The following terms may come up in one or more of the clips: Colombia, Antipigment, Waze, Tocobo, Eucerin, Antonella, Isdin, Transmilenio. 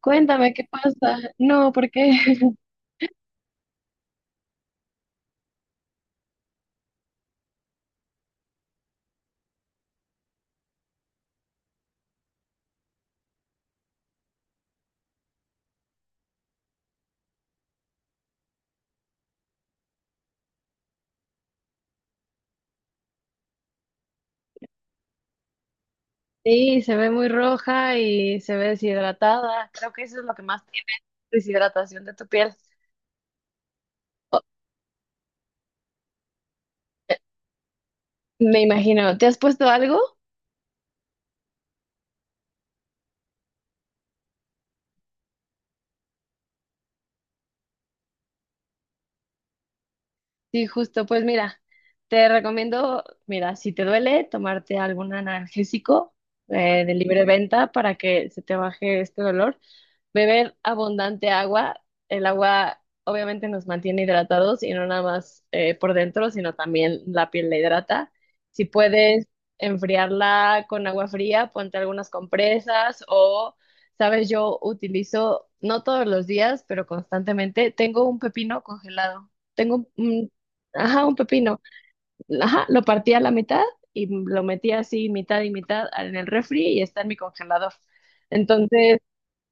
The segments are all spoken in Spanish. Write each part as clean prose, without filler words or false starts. Cuéntame qué pasa. No, porque Sí, se ve muy roja y se ve deshidratada. Creo que eso es lo que más tiene, deshidratación de tu piel. Me imagino, ¿te has puesto algo? Sí, justo, pues mira, te recomiendo, mira, si te duele, tomarte algún analgésico de libre venta para que se te baje este dolor. Beber abundante agua. El agua obviamente nos mantiene hidratados y no nada más por dentro, sino también la piel la hidrata. Si puedes enfriarla con agua fría, ponte algunas compresas o, sabes, yo utilizo, no todos los días, pero constantemente, tengo un pepino congelado. Tengo un, ajá, un pepino. Ajá, lo partí a la mitad y lo metí así mitad y mitad en el refri y está en mi congelador. Entonces,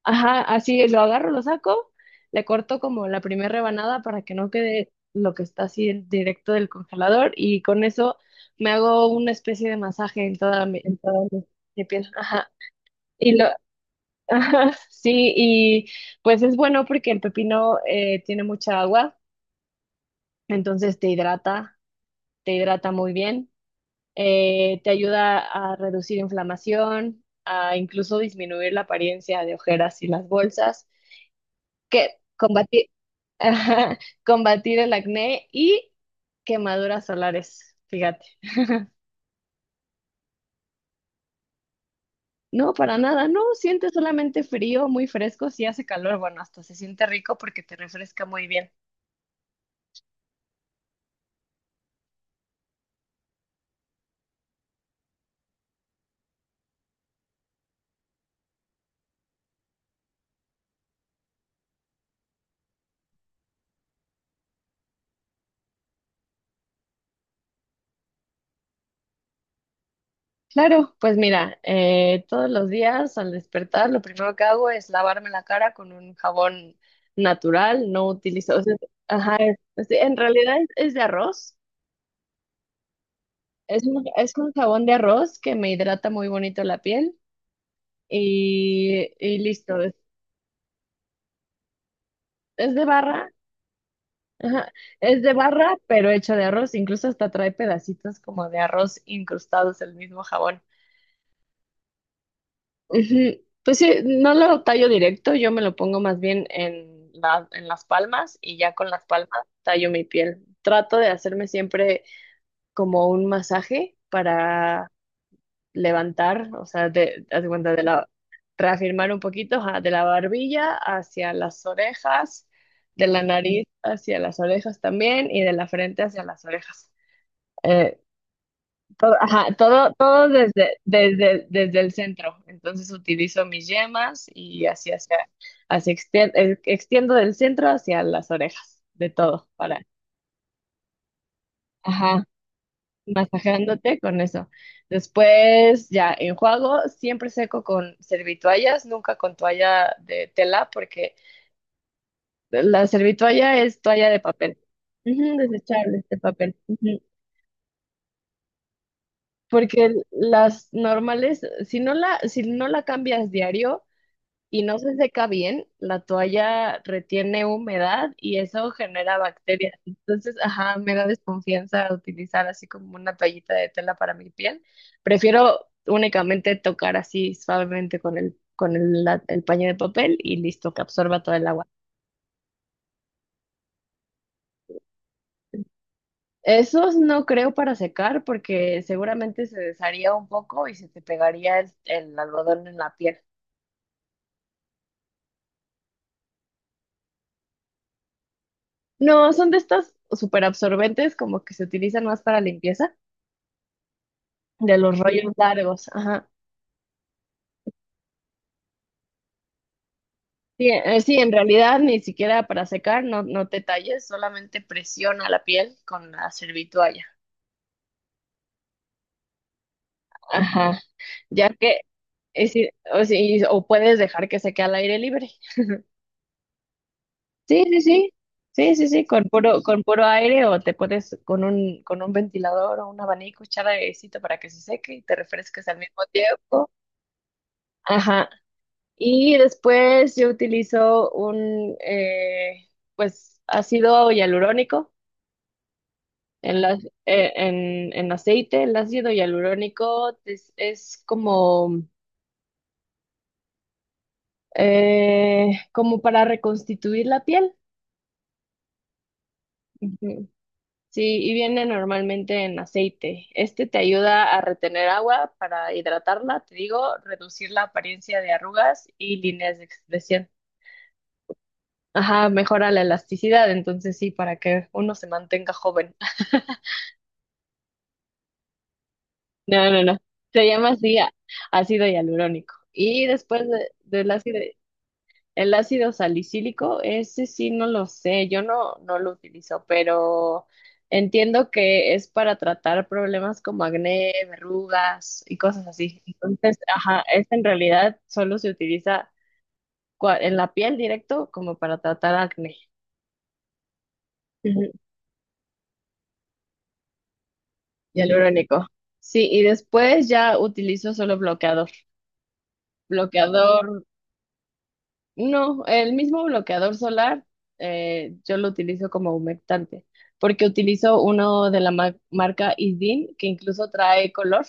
ajá, así lo agarro, lo saco, le corto como la primera rebanada para que no quede lo que está así directo del congelador y con eso me hago una especie de masaje en toda mi piel. Ajá. Y lo, ajá, sí, y pues es bueno porque el pepino tiene mucha agua, entonces te hidrata muy bien. Te ayuda a reducir inflamación, a incluso disminuir la apariencia de ojeras y las bolsas, que combatir, ajá, combatir el acné y quemaduras solares, fíjate. No, para nada, no, sientes solamente frío, muy fresco, si hace calor, bueno, hasta se siente rico porque te refresca muy bien. Claro, pues mira, todos los días al despertar lo primero que hago es lavarme la cara con un jabón natural, no utilizo, o sea, ajá, en realidad es de arroz, es un jabón de arroz que me hidrata muy bonito la piel y listo, es de barra, ajá, es de barra pero hecho de arroz, incluso hasta trae pedacitos como de arroz incrustados el mismo jabón. Ujú. Pues sí, no lo tallo directo, yo me lo pongo más bien en en las palmas y ya con las palmas tallo mi piel. Trato de hacerme siempre como un masaje para levantar, o sea, de, haz de cuenta de la, reafirmar un poquito, ajá, de la barbilla hacia las orejas, de la nariz hacia las orejas también y de la frente hacia las orejas. Eh, todo, ajá, todo, todo desde el centro. Entonces utilizo mis yemas y así hacia, extiendo del centro hacia las orejas, de todo, para, ajá, masajeándote con eso. Después ya enjuago, siempre seco con servitoallas, nunca con toalla de tela, porque la servitoalla es toalla de papel. Ujú, desechable de papel. Ujú. Porque las normales, si no la, si no la cambias diario, y no se seca bien, la toalla retiene humedad y eso genera bacterias. Entonces, ajá, me da desconfianza utilizar así como una toallita de tela para mi piel. Prefiero únicamente tocar así suavemente con el, el paño de papel y listo, que absorba todo el agua. Esos no creo para secar porque seguramente se desharía un poco y se te pegaría el algodón en la piel. No, son de estas súper absorbentes como que se utilizan más para limpieza de los rollos largos. Ajá. Sí, sí, en realidad ni siquiera para secar, no, no te talles, solamente presiona la piel con la servitualla. Ajá. Ya que, sí, o, sí, o puedes dejar que seque al aire libre. Sí, sí, sí. Sí, sí, sí, con puro aire o te pones con un ventilador o un abanico, echar airecito para que se seque y te refresques al mismo tiempo. Ajá. Y después yo utilizo un, pues, ácido hialurónico. En, la- en aceite, el ácido hialurónico es como, como para reconstituir la piel. Ujú. Sí, y viene normalmente en aceite. Este te ayuda a retener agua para hidratarla, te digo, reducir la apariencia de arrugas y líneas de expresión. Ajá, mejora la elasticidad, entonces sí, para que uno se mantenga joven. No, no, no. Se llama así ácido hialurónico. Y después del ácido. El ácido salicílico, ese sí no lo sé, yo no, no lo utilizo, pero entiendo que es para tratar problemas como acné, verrugas y cosas así. Entonces, ajá, es en realidad solo se utiliza en la piel directo como para tratar acné. Ujú. Hialurónico. Sí, y después ya utilizo solo bloqueador. Bloqueador. No, el mismo bloqueador solar, yo lo utilizo como humectante, porque utilizo uno de la marca Isdin, que incluso trae color.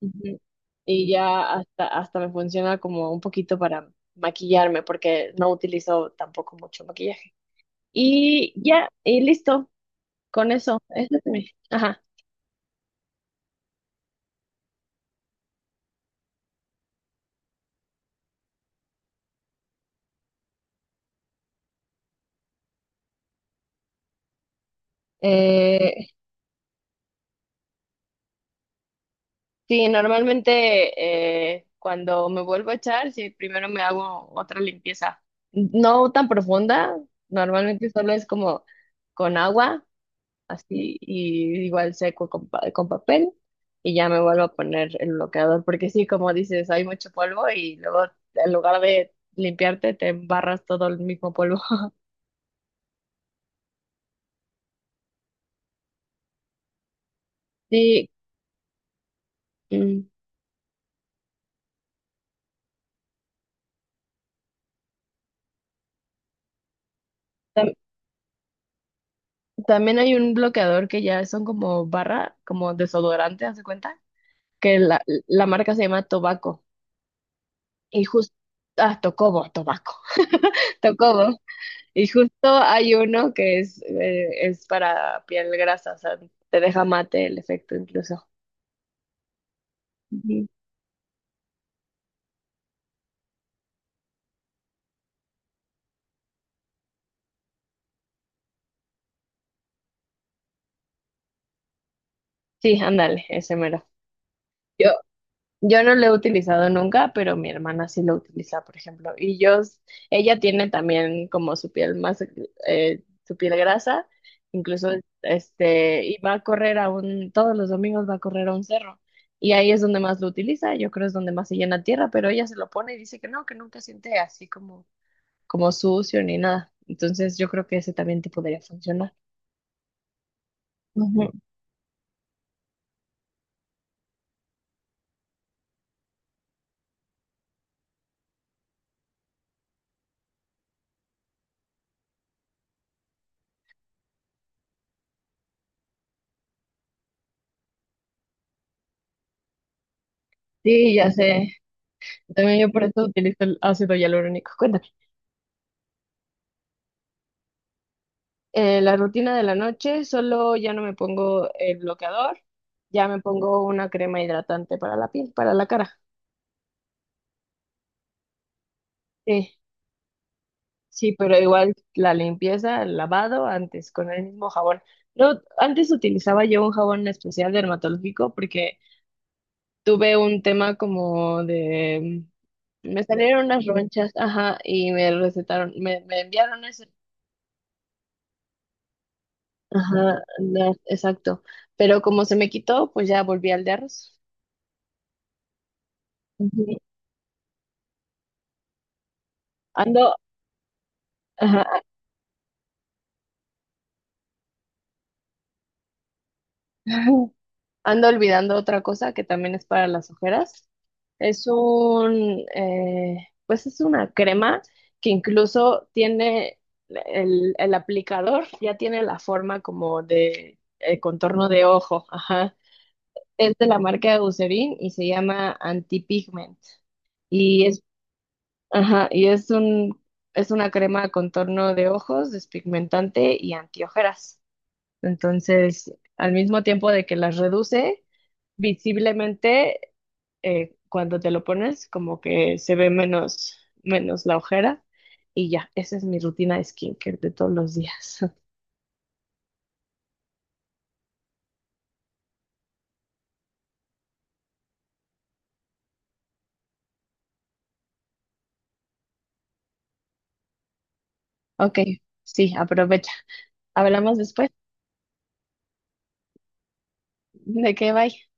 Ujú. Y ya hasta, hasta me funciona como un poquito para maquillarme, porque no utilizo tampoco mucho maquillaje. Y ya, y listo, con eso. Ese es Ajá. eh, sí, normalmente cuando me vuelvo a echar, sí, primero me hago otra limpieza. No tan profunda, normalmente solo es como con agua, así, y igual seco con, con papel, y ya me vuelvo a poner el bloqueador, porque sí, como dices, hay mucho polvo y luego en lugar de limpiarte, te embarras todo el mismo polvo. Sí, mm, tam- también hay un bloqueador que ya son como barra, como desodorante, ¿haz de cuenta? Que la marca se llama Tobacco. Y justo, ah, Tocobo, Tobacco, Tocobo. Y justo hay uno que es para piel grasa, o sea, te deja mate el efecto incluso. Ujú. Sí, ándale, ese mero. Yo, Yo no lo he utilizado nunca, pero mi hermana sí lo utiliza, por ejemplo. Ella tiene también como su piel más, su piel grasa, incluso este, y va a correr a un, todos los domingos va a correr a un cerro. Y ahí es donde más lo utiliza, yo creo es donde más se llena tierra, pero ella se lo pone y dice que no, que nunca siente así como, como sucio ni nada. Entonces yo creo que ese también te podría funcionar. Ujú. Sí, ya sé. También yo por eso utilizo el ácido hialurónico. Cuéntame. La rutina de la noche, solo ya no me pongo el bloqueador, ya me pongo una crema hidratante para la piel, para la cara. Sí, sí, pero igual la limpieza, el lavado antes con el mismo jabón. No, antes utilizaba yo un jabón especial dermatológico porque tuve un tema como de... Me salieron unas ronchas, ajá, y me recetaron, me enviaron ese. Ajá, no, exacto. Pero como se me quitó, pues ya volví al de arroz. Ujú. Ando, Ajá. Ando olvidando otra cosa que también es para las ojeras. Es un, pues es una crema que incluso tiene el aplicador, ya tiene la forma como de contorno de ojo. Ajá. Es de la marca de Eucerin y se llama Antipigment. Y es, ajá, y es una crema de contorno de ojos, despigmentante y antiojeras. Entonces, al mismo tiempo de que las reduce, visiblemente, cuando te lo pones como que se ve menos, menos la ojera y ya, esa es mi rutina de skincare de todos los días. Ok, sí, aprovecha. Hablamos después. ¿De qué? Bye.